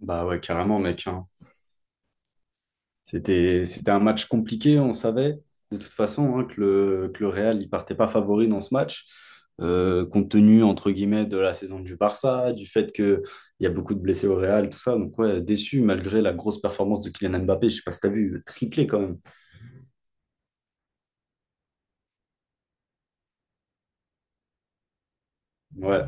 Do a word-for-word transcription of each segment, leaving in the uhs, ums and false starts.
Bah ouais, carrément, mec, hein. C'était, c'était un match compliqué, on savait de toute façon hein, que le, que le Real il partait pas favori dans ce match, euh, compte tenu, entre guillemets, de la saison du Barça, du fait qu'il y a beaucoup de blessés au Real, tout ça. Donc ouais, déçu, malgré la grosse performance de Kylian Mbappé. Je sais pas si t'as vu, triplé quand même. Ouais,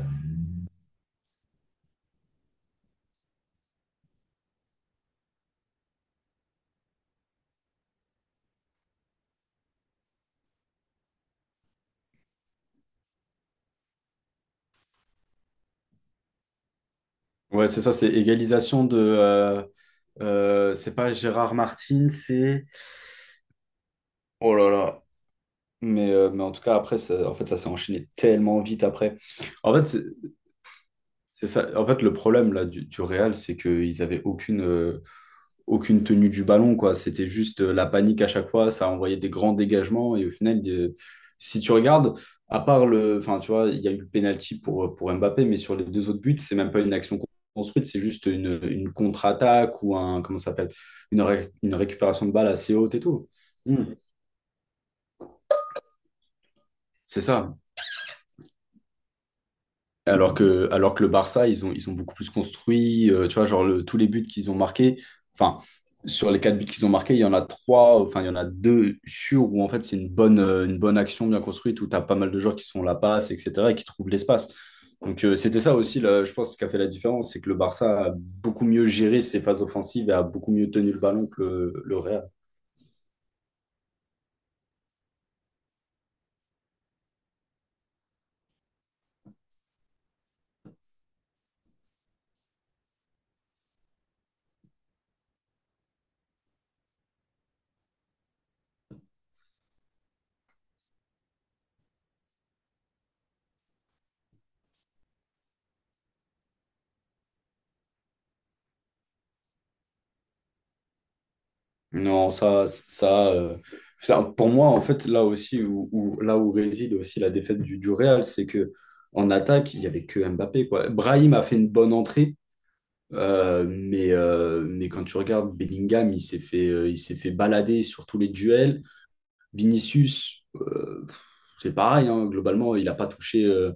ouais, c'est ça, c'est égalisation de... euh, euh, c'est pas Gérard Martin, c'est... Oh là là. Mais, euh, mais en tout cas, après, ça- en fait, ça s'est enchaîné tellement vite après. En fait, c'est- C'est ça. En fait, le problème là du, du Real, c'est qu'ils avaient aucune, euh, aucune tenue du ballon, quoi. C'était juste euh, la panique à chaque fois. Ça envoyait des grands dégagements et au final, des- si tu regardes, à part le, enfin, tu vois, il y a eu le penalty pour euh, pour Mbappé, mais sur les deux autres buts, c'est même pas une action construite, c'est juste une, une contre-attaque ou un, comment ça s'appelle, une, ré- une récupération de balle assez haute et tout. Hmm. C'est ça. Alors que, alors que le Barça, ils ont, ils ont beaucoup plus construit, euh, tu vois, genre le- tous les buts qu'ils ont marqués, enfin, sur les quatre buts qu'ils ont marqués, il y en a trois, enfin, il y en a deux sûrs où en fait c'est une bonne, euh, une bonne action bien construite, où tu as pas mal de joueurs qui se font la passe, et cetera, et qui trouvent l'espace. Donc euh, c'était ça aussi, là, je pense, ce qui a fait la différence, c'est que le Barça a beaucoup mieux géré ses phases offensives et a beaucoup mieux tenu le ballon que le, le Real. Non, ça, ça, euh, ça, pour moi, en fait, là aussi, où, où- là où réside aussi la défaite du, du Real, c'est que en attaque, il n'y avait que Mbappé, quoi. Brahim a fait une bonne entrée, euh, mais, euh, mais quand tu regardes Bellingham, il s'est fait, euh, il s'est fait balader sur tous les duels. Vinicius, euh, c'est pareil, hein, globalement, il n'a pas touché, euh,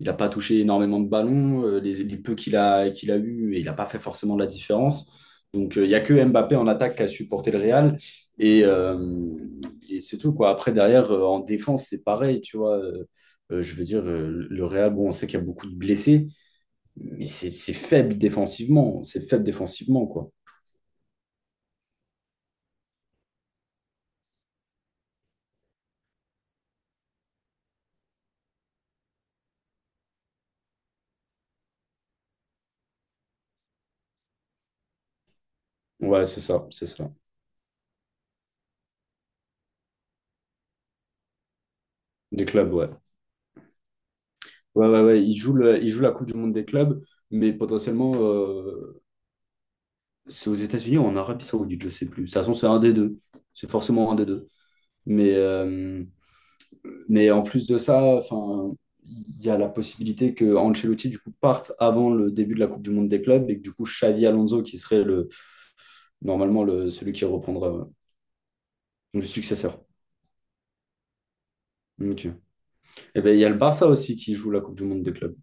il n'a pas touché énormément de ballons, euh, les, les peu qu'il a, qu'il a eu, et il n'a pas fait forcément de la différence. Donc, euh, il n'y a que Mbappé en attaque qui a supporté le Real. Et, euh, et c'est tout, quoi. Après, derrière, euh, en défense, c'est pareil, tu vois. Euh, euh, je veux dire, euh, le Real, bon, on sait qu'il y a beaucoup de blessés, mais c'est c'est faible défensivement. C'est faible défensivement, quoi. Ouais, c'est ça, c'est ça. Des clubs, ouais. Ouais, ouais, ouais. Ils jouent le- ils jouent la Coupe du Monde des clubs, mais potentiellement, euh, c'est aux États-Unis ou en Arabie Saoudite, je sais plus. De toute façon, c'est un des deux. C'est forcément un des deux. Mais, euh, mais en plus de ça, enfin, il y a la possibilité que Ancelotti du coup parte avant le début de la Coupe du Monde des clubs et que du coup Xavi Alonso qui serait le normalement le, celui qui reprendra euh, le successeur. Ok. Et ben il y a le Barça aussi qui joue la Coupe du Monde des clubs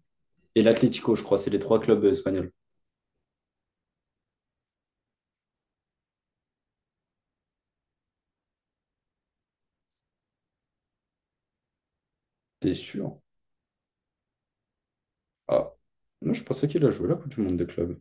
et l'Atlético, je crois, c'est les trois clubs espagnols. T'es sûr? Ah, moi je pensais qu'il a joué la Coupe du Monde des clubs.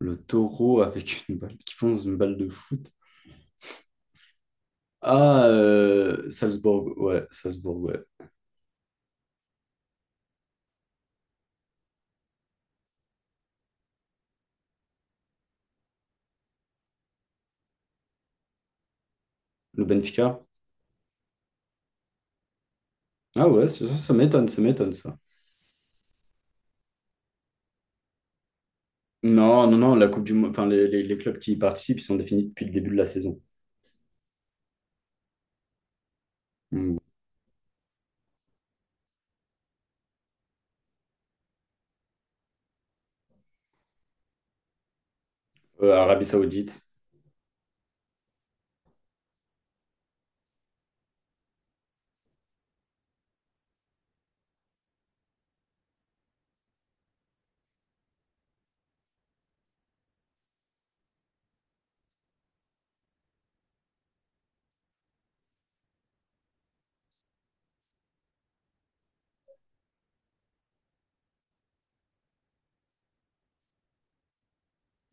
Le taureau avec une balle qui fonce une balle de foot. Ah, euh, Salzbourg, ouais, Salzbourg, ouais. Le Benfica. Ah ouais, ça, ça ça m'étonne, ça m'étonne, ça. Non, non, non, la Coupe du Monde, enfin, les, les- les clubs qui y participent, ils sont définis depuis le début de la saison. Mm. Euh, Arabie Saoudite.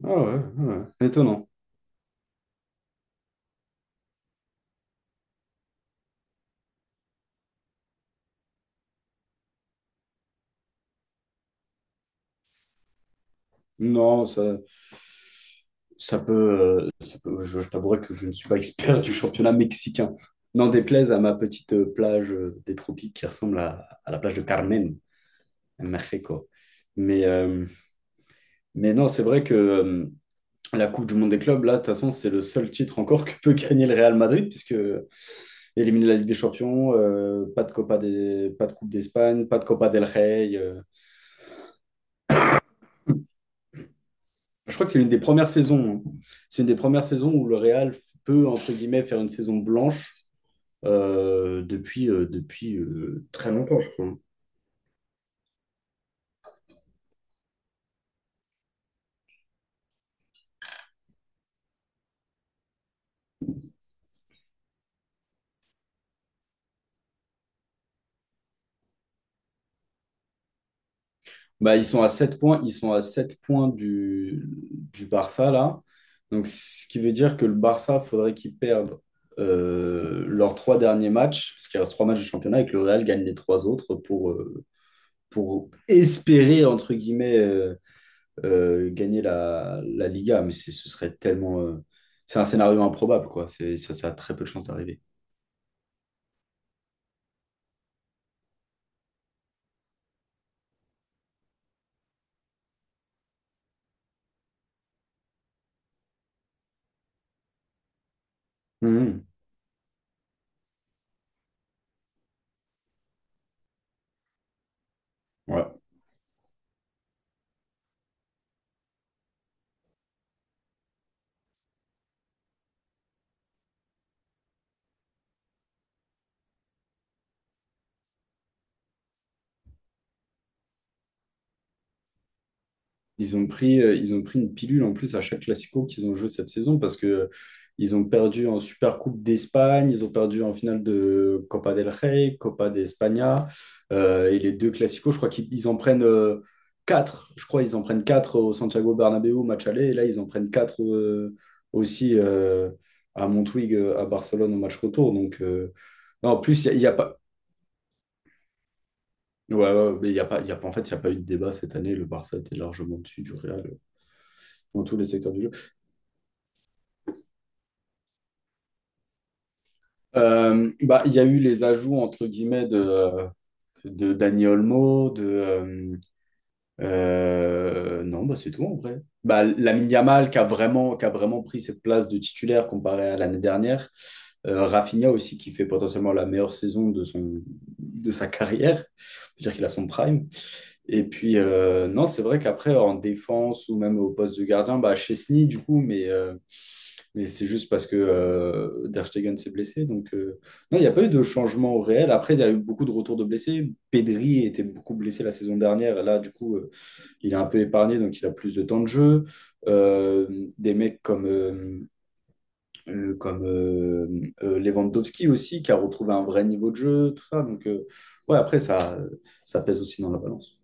Ah ouais, ouais, ouais. Étonnant. Non, ça, ça peut, euh, ça peut- je, je t'avouerai que je ne suis pas expert du championnat mexicain. N'en déplaise à ma petite euh, plage euh, des tropiques qui ressemble à, à la plage de Carmen, à Mexico. Mais, euh, mais non, c'est vrai que... euh, la Coupe du Monde des clubs, là, de toute façon, c'est le seul titre encore que peut gagner le Real Madrid, puisque éliminer la Ligue des Champions, euh, pas de Copa des, pas de Coupe d'Espagne, pas de Copa del Rey. euh. Je crois que c'est une des premières saisons, hein. C'est une des premières saisons où le Real peut, entre guillemets, faire une saison blanche euh, depuis, euh, depuis euh, très longtemps, je crois, hein. Bah, ils sont à sept points, ils sont à sept points du, du Barça là. Donc, ce qui veut dire que le Barça, faudrait qu'ils perdent euh, leurs trois derniers matchs, parce qu'il reste trois matchs de championnat, et que le Real gagne les trois autres pour, euh, pour espérer, entre guillemets, euh, euh, gagner la, la Liga, mais c'est- ce serait tellement. euh, c'est un scénario improbable, quoi. C'est, ça, ça a très peu de chances d'arriver. Mhm. Ouais. Ils ont pris, euh, ils ont pris une pilule en plus à chaque Classico qu'ils ont joué cette saison parce que euh, ils ont perdu en supercoupe d'Espagne, ils ont perdu en finale de Copa del Rey, Copa de España euh, et les deux Classicos, je crois qu'ils ils en prennent euh, quatre. Je crois qu'ils en prennent quatre au Santiago Bernabéu au match aller et là ils en prennent quatre euh, aussi euh, à Montwig euh, à Barcelone au match retour. Donc euh, non, en plus il y a, il y a pas. Ouais, ouais, mais il y a pas, il y a pas, en fait, il y a pas eu de débat cette année. Le Barça était largement dessus du Real euh, dans tous les secteurs du jeu. Euh, bah, il y a eu les ajouts entre guillemets de, euh, de Dani Olmo, de euh, euh, non, bah, c'est tout en vrai. Bah, Lamine Yamal qui a vraiment, qui a vraiment pris cette place de titulaire comparé à l'année dernière. Euh, Rafinha aussi qui fait potentiellement la meilleure saison de son de sa carrière. On peut dire qu'il a son prime. Et puis euh, non, c'est vrai qu'après en défense ou même au poste de gardien, bah Chesney du coup, mais euh, mais c'est juste parce que euh, Der Stegen s'est blessé. Donc, euh, non, il n'y a pas eu de changement au réel. Après, il y a eu beaucoup de retours de blessés. Pedri était beaucoup blessé la saison dernière. Et là, du coup, euh, il est un peu épargné, donc il a plus de temps de jeu. Euh, des mecs comme, euh, euh, comme euh, euh, Lewandowski aussi, qui a retrouvé un vrai niveau de jeu, tout ça. Donc, euh, ouais, après, ça, ça pèse aussi dans la balance.